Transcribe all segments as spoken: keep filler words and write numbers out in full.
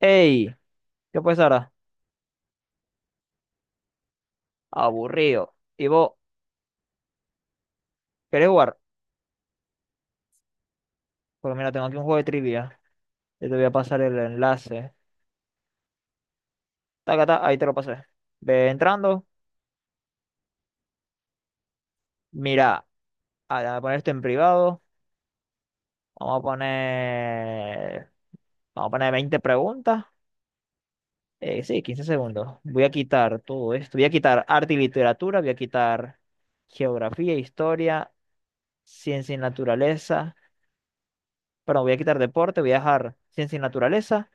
Ey, ¿qué pasa ahora? Aburrido. ¿Y vos querés jugar? Pues mira, tengo aquí un juego de trivia. Yo te voy a pasar el enlace. Taca, ta, ahí te lo pasé. Ve entrando. Mira, ah, voy a poner esto en privado. Vamos a poner. Vamos a poner veinte preguntas. Eh, sí, quince segundos. Voy a quitar todo esto. Voy a quitar arte y literatura. Voy a quitar geografía, historia, ciencia y naturaleza. Perdón, voy a quitar deporte. Voy a dejar ciencia y naturaleza.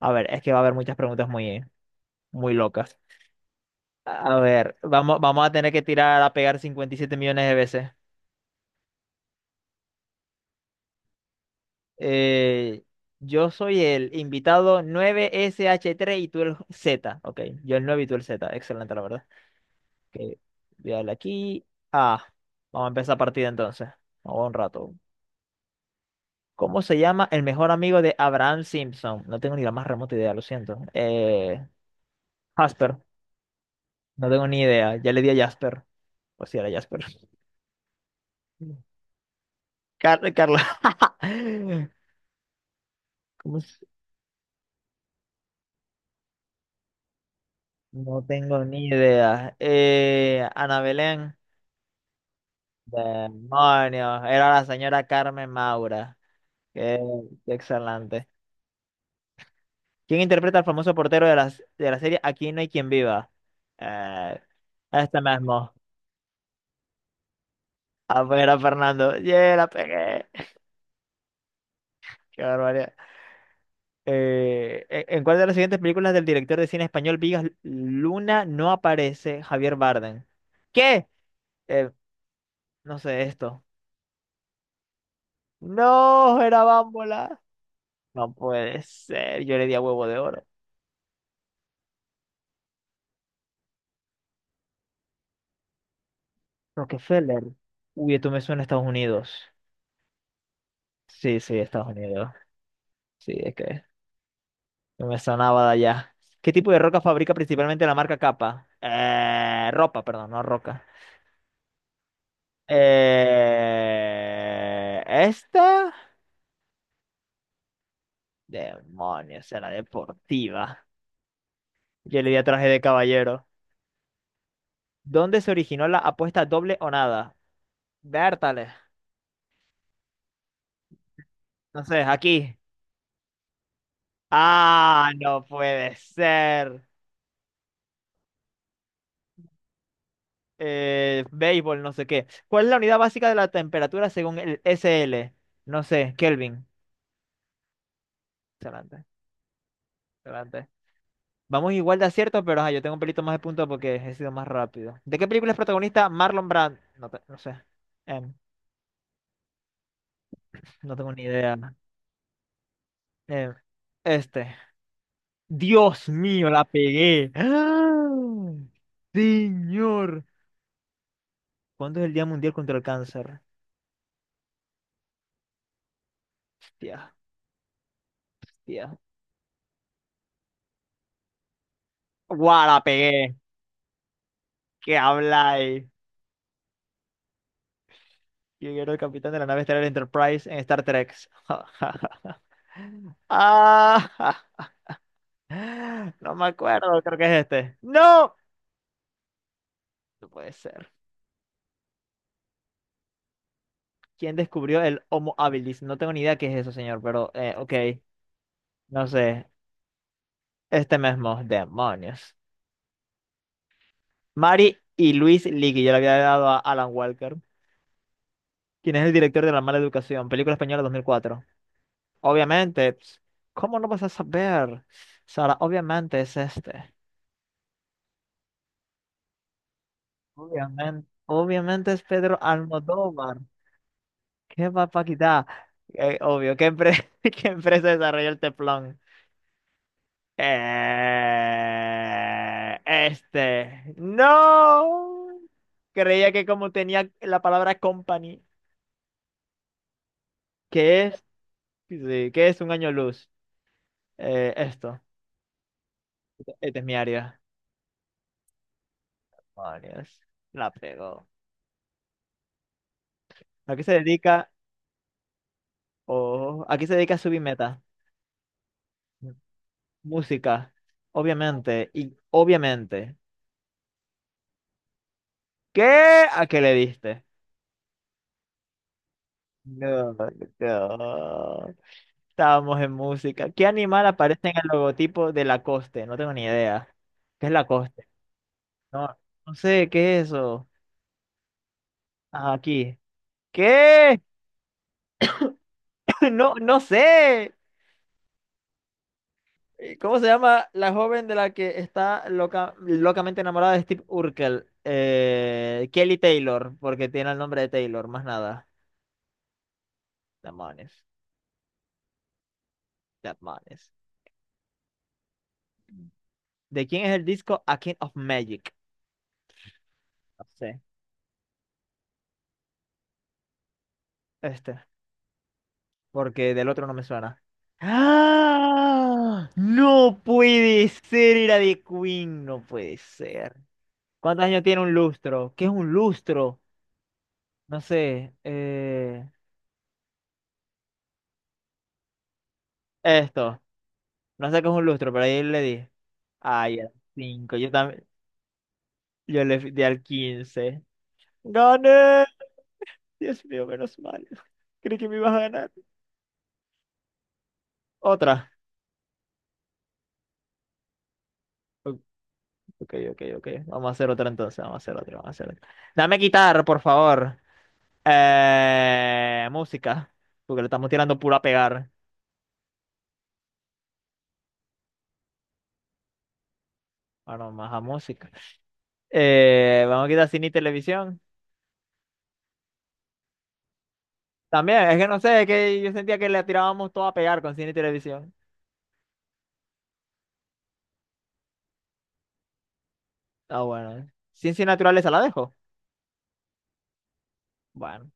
A ver, es que va a haber muchas preguntas muy, Muy locas. A ver, vamos, vamos a tener que tirar a pegar cincuenta y siete millones de veces. Eh, yo soy el invitado nueve sh tres y tú el Z. Ok, yo el nueve y tú el Z. Excelente, la verdad. Ok, voy a darle aquí. Ah, Vamos a empezar partida entonces. Vamos un rato. ¿Cómo se llama el mejor amigo de Abraham Simpson? No tengo ni la más remota idea, lo siento. Eh, Jasper, no tengo ni idea. Ya le di a Jasper. Pues sí, era Jasper. Car- Carla. ¿Cómo? No tengo ni idea. Eh, Ana Belén, demonios, era la señora Carmen Maura. Qué, qué excelente. ¿Quién interpreta al famoso portero de la, de la serie Aquí no hay quien viva? Eh, este mismo. A ver, a Fernando. ¡Yeah, la pegué! ¡Qué barbaridad! Eh, ¿en en cuál de las siguientes películas del director de cine español Vigas Luna no aparece Javier Bardem? ¿Qué? Eh, no sé esto. ¡No! Era Bámbola. No puede ser, yo le di a huevo de oro. Rockefeller. Uy, esto me suena a Estados Unidos. Sí, sí, Estados Unidos. Sí, es que no me sonaba de allá. ¿Qué tipo de roca fabrica principalmente la marca Capa? Eh, ropa, perdón, no roca. Eh, ¿esta? Demonios, era deportiva. Yo le di a traje de caballero. ¿Dónde se originó la apuesta doble o nada? Bertale. Entonces, aquí. Ah, no puede ser. Eh, béisbol, no sé qué. ¿Cuál es la unidad básica de la temperatura según el S L? No sé, Kelvin. Excelente, excelente. Vamos igual de acierto, pero ajá, yo tengo un pelito más de punto porque he sido más rápido. ¿De qué película es protagonista Marlon Brando? No, te- no sé. Em, no tengo ni idea. Em, este. Dios mío, la pegué. ¡Ah! Señor. ¿Cuándo es el Día Mundial contra el Cáncer? Hostia, hostia. ¡Guau, la pegué! ¿Qué habláis? Yo era el capitán de la nave estelar Enterprise en Star Trek. Ah, no me acuerdo, creo que es este. ¡No! No puede ser. ¿Quién descubrió el Homo habilis? No tengo ni idea qué es eso, señor, pero eh, ok, no sé. Este mismo, demonios. Mary y Luis Ligui, yo le había dado a Alan Walker. ¿Quién es el director de La Mala Educación? Película española dos mil cuatro. Obviamente, ps, ¿cómo no vas a saber? Sara, obviamente es este. Obviamente, obviamente es Pedro Almodóvar. ¿Qué va papaquita? Eh, obvio, ¿qué, empre- ¿qué empresa desarrolló el teflón? Eh, este. No. Creía que como tenía la palabra company, que es, sí, que es un año luz. Eh, esto. Este es mi área. Oh, Dios. La pegó. ¿A qué se dedica? Oh, ¿a qué se dedica Subimeta? Música. Obviamente. Y obviamente. ¿Qué? ¿A qué le diste? No, no. Estábamos en música. ¿Qué animal aparece en el logotipo de Lacoste? No tengo ni idea. ¿Qué es Lacoste? No, no sé, ¿qué es eso? Ah, aquí. ¿Qué? No, no sé. ¿Cómo se llama la joven de la que está loca, locamente enamorada de Steve Urkel? Eh, Kelly Taylor, porque tiene el nombre de Taylor, más nada. Demonios, demonios. ¿De quién es el disco A King of Magic? No sé. Este, porque del otro no me suena. ¡Ah! No puede ser, era de Queen, no puede ser. ¿Cuántos años tiene un lustro? ¿Qué es un lustro? No sé. Eh, esto. No sé qué es un lustro, pero ahí le di. Ay, al cinco. Yo también. Yo le di al quince. ¡Gané! Dios mío, menos mal. Creí que me ibas a ganar. Otra. Ok, ok, ok. Vamos a hacer otra entonces, vamos a hacer otra, vamos a hacer otra. Dame quitar, por favor. Eh, música, porque le estamos tirando puro a pegar. Bueno, más a música. Eh, vamos a quitar cine y televisión. También, es que no sé, es que yo sentía que le tirábamos todo a pegar con cine y televisión. Ah, bueno. Ciencias naturales, ¿la dejo? Bueno,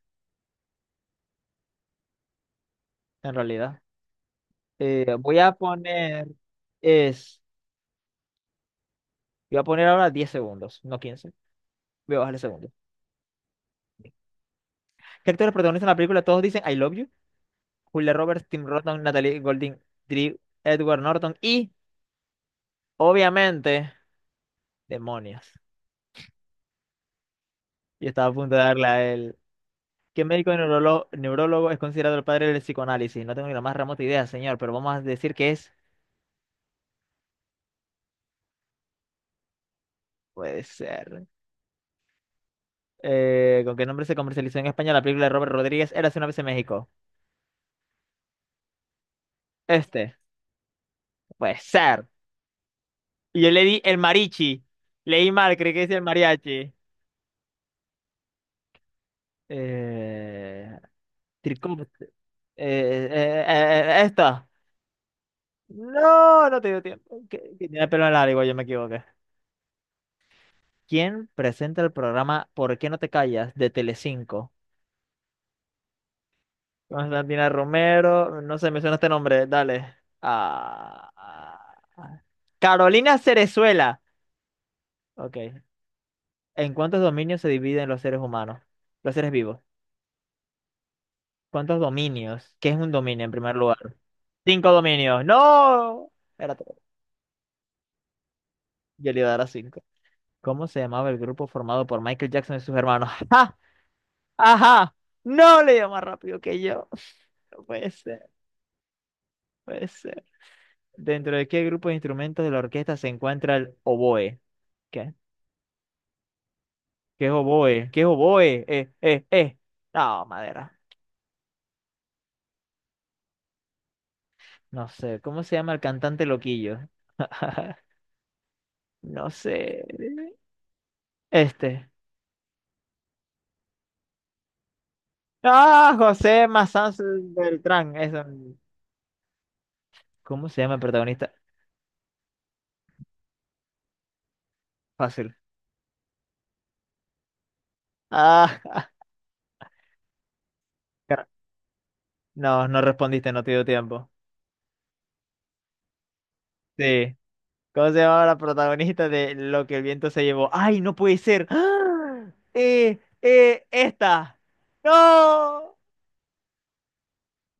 en realidad. Eh, voy a poner, es, Voy a poner ahora diez segundos, no quince. Voy a bajarle segundos. ¿Qué actores protagonizan la película? Todos dicen I love you. Julia Roberts, Tim Roton, Natalie Golding, Drew Edward Norton y, obviamente, demonios. Y estaba a punto de darle a él. ¿Qué médico neurolo- neurólogo es considerado el padre del psicoanálisis? No tengo ni la más remota idea, señor, pero vamos a decir que es. Puede ser. Eh, ¿con qué nombre se comercializó en España la película de Robert Rodríguez? Érase una vez en México. Este. Puede ser. Y yo le di el marichi. Leí mal, creí que decía el mariachi. Eh, tricop- eh, eh, eh, eh, Esto. No, no te dio tiempo. Que, que tiene pelo en largo, yo me equivoqué. ¿Quién presenta el programa ¿Por qué no te callas? De Telecinco? Constantina Romero, no sé, me suena este nombre, dale. Ah, ah. Carolina Cerezuela. Ok. ¿En cuántos dominios se dividen los seres humanos? Los seres vivos. ¿Cuántos dominios? ¿Qué es un dominio en primer lugar? Cinco dominios. ¡No! Espérate, yo le iba a dar a cinco. ¿Cómo se llamaba el grupo formado por Michael Jackson y sus hermanos? Ajá, no le dio más rápido que yo. No puede ser, puede ser. ¿Dentro de qué grupo de instrumentos de la orquesta se encuentra el oboe? ¿Qué? ¿Qué es oboe? ¿Qué es oboe? Eh, eh, eh. No, madera. No sé. ¿Cómo se llama el cantante loquillo? No sé. Este. Ah, José Mazán Beltrán. Eso. ¿Cómo se llama el protagonista? Fácil. Ah, no, no respondiste, no te dio tiempo. Sí. ¿Cómo se llamaba la protagonista de Lo que el viento se llevó? ¡Ay, no puede ser! ¡Ah! Eh, eh, esta. ¡No! No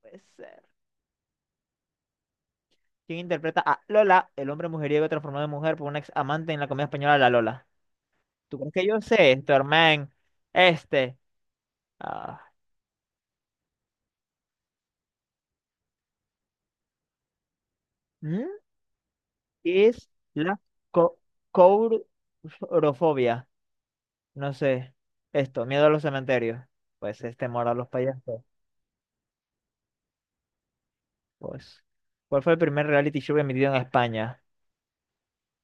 puede ser. ¿Quién interpreta a Lola, el hombre mujeriego transformado en mujer por una ex amante en la comedia española La Lola? ¿Tú crees que yo sé esto, hermano? Este. Ah, ¿mm? ¿Qué es la co courofobia? No sé. Esto, miedo a los cementerios. Pues es temor a los payasos. Pues, ¿cuál fue el primer reality show emitido en España?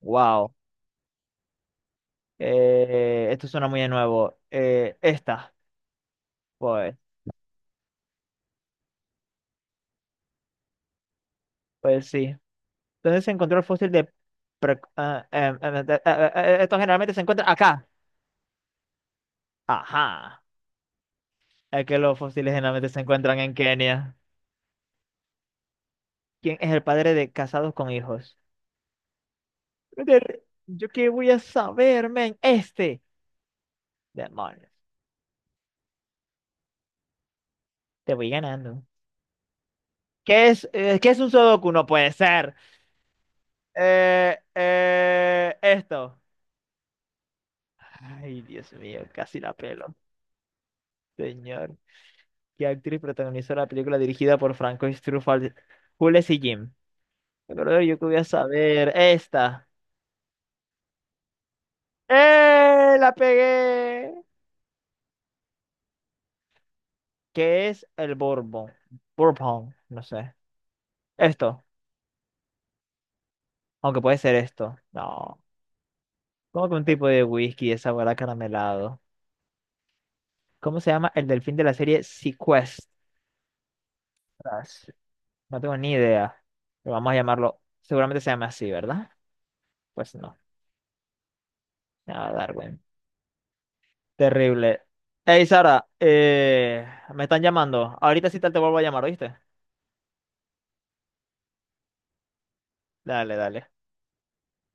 Wow, eh, esto suena muy de nuevo. Eh, esta, pues, pues sí. Entonces se encontró el fósil de... pre- ah, em, em, eh, eh, eh, esto generalmente se encuentra acá. Ajá. Es que los fósiles generalmente se encuentran en Kenia. ¿Quién es el padre de casados con hijos? Brother, ¿yo qué voy a saber, men? Este. Demonios. Te voy ganando. ¿Qué es, eh, qué es un sudoku? No puede ser. Eh, eh, esto. Ay, Dios mío, casi la pelo. Señor. Que actriz protagonizó la película dirigida por Francois Truffaut, Jules y Jim? Pero yo que voy a saber. Esta. ¡Eh! ¡La pegué! ¿Qué es el Bourbon? Bourbon, no sé. Esto, aunque puede ser esto. No. Como que un tipo de whisky de sabor acaramelado. ¿Cómo se llama el delfín de la serie Sequestras? No tengo ni idea. Pero vamos a llamarlo. Seguramente se llama así, ¿verdad? Pues no. Nada, Darwin. Terrible. Hey, Sara, eh, me están llamando. Ahorita sí tal te vuelvo a llamar, ¿oíste? Dale, dale.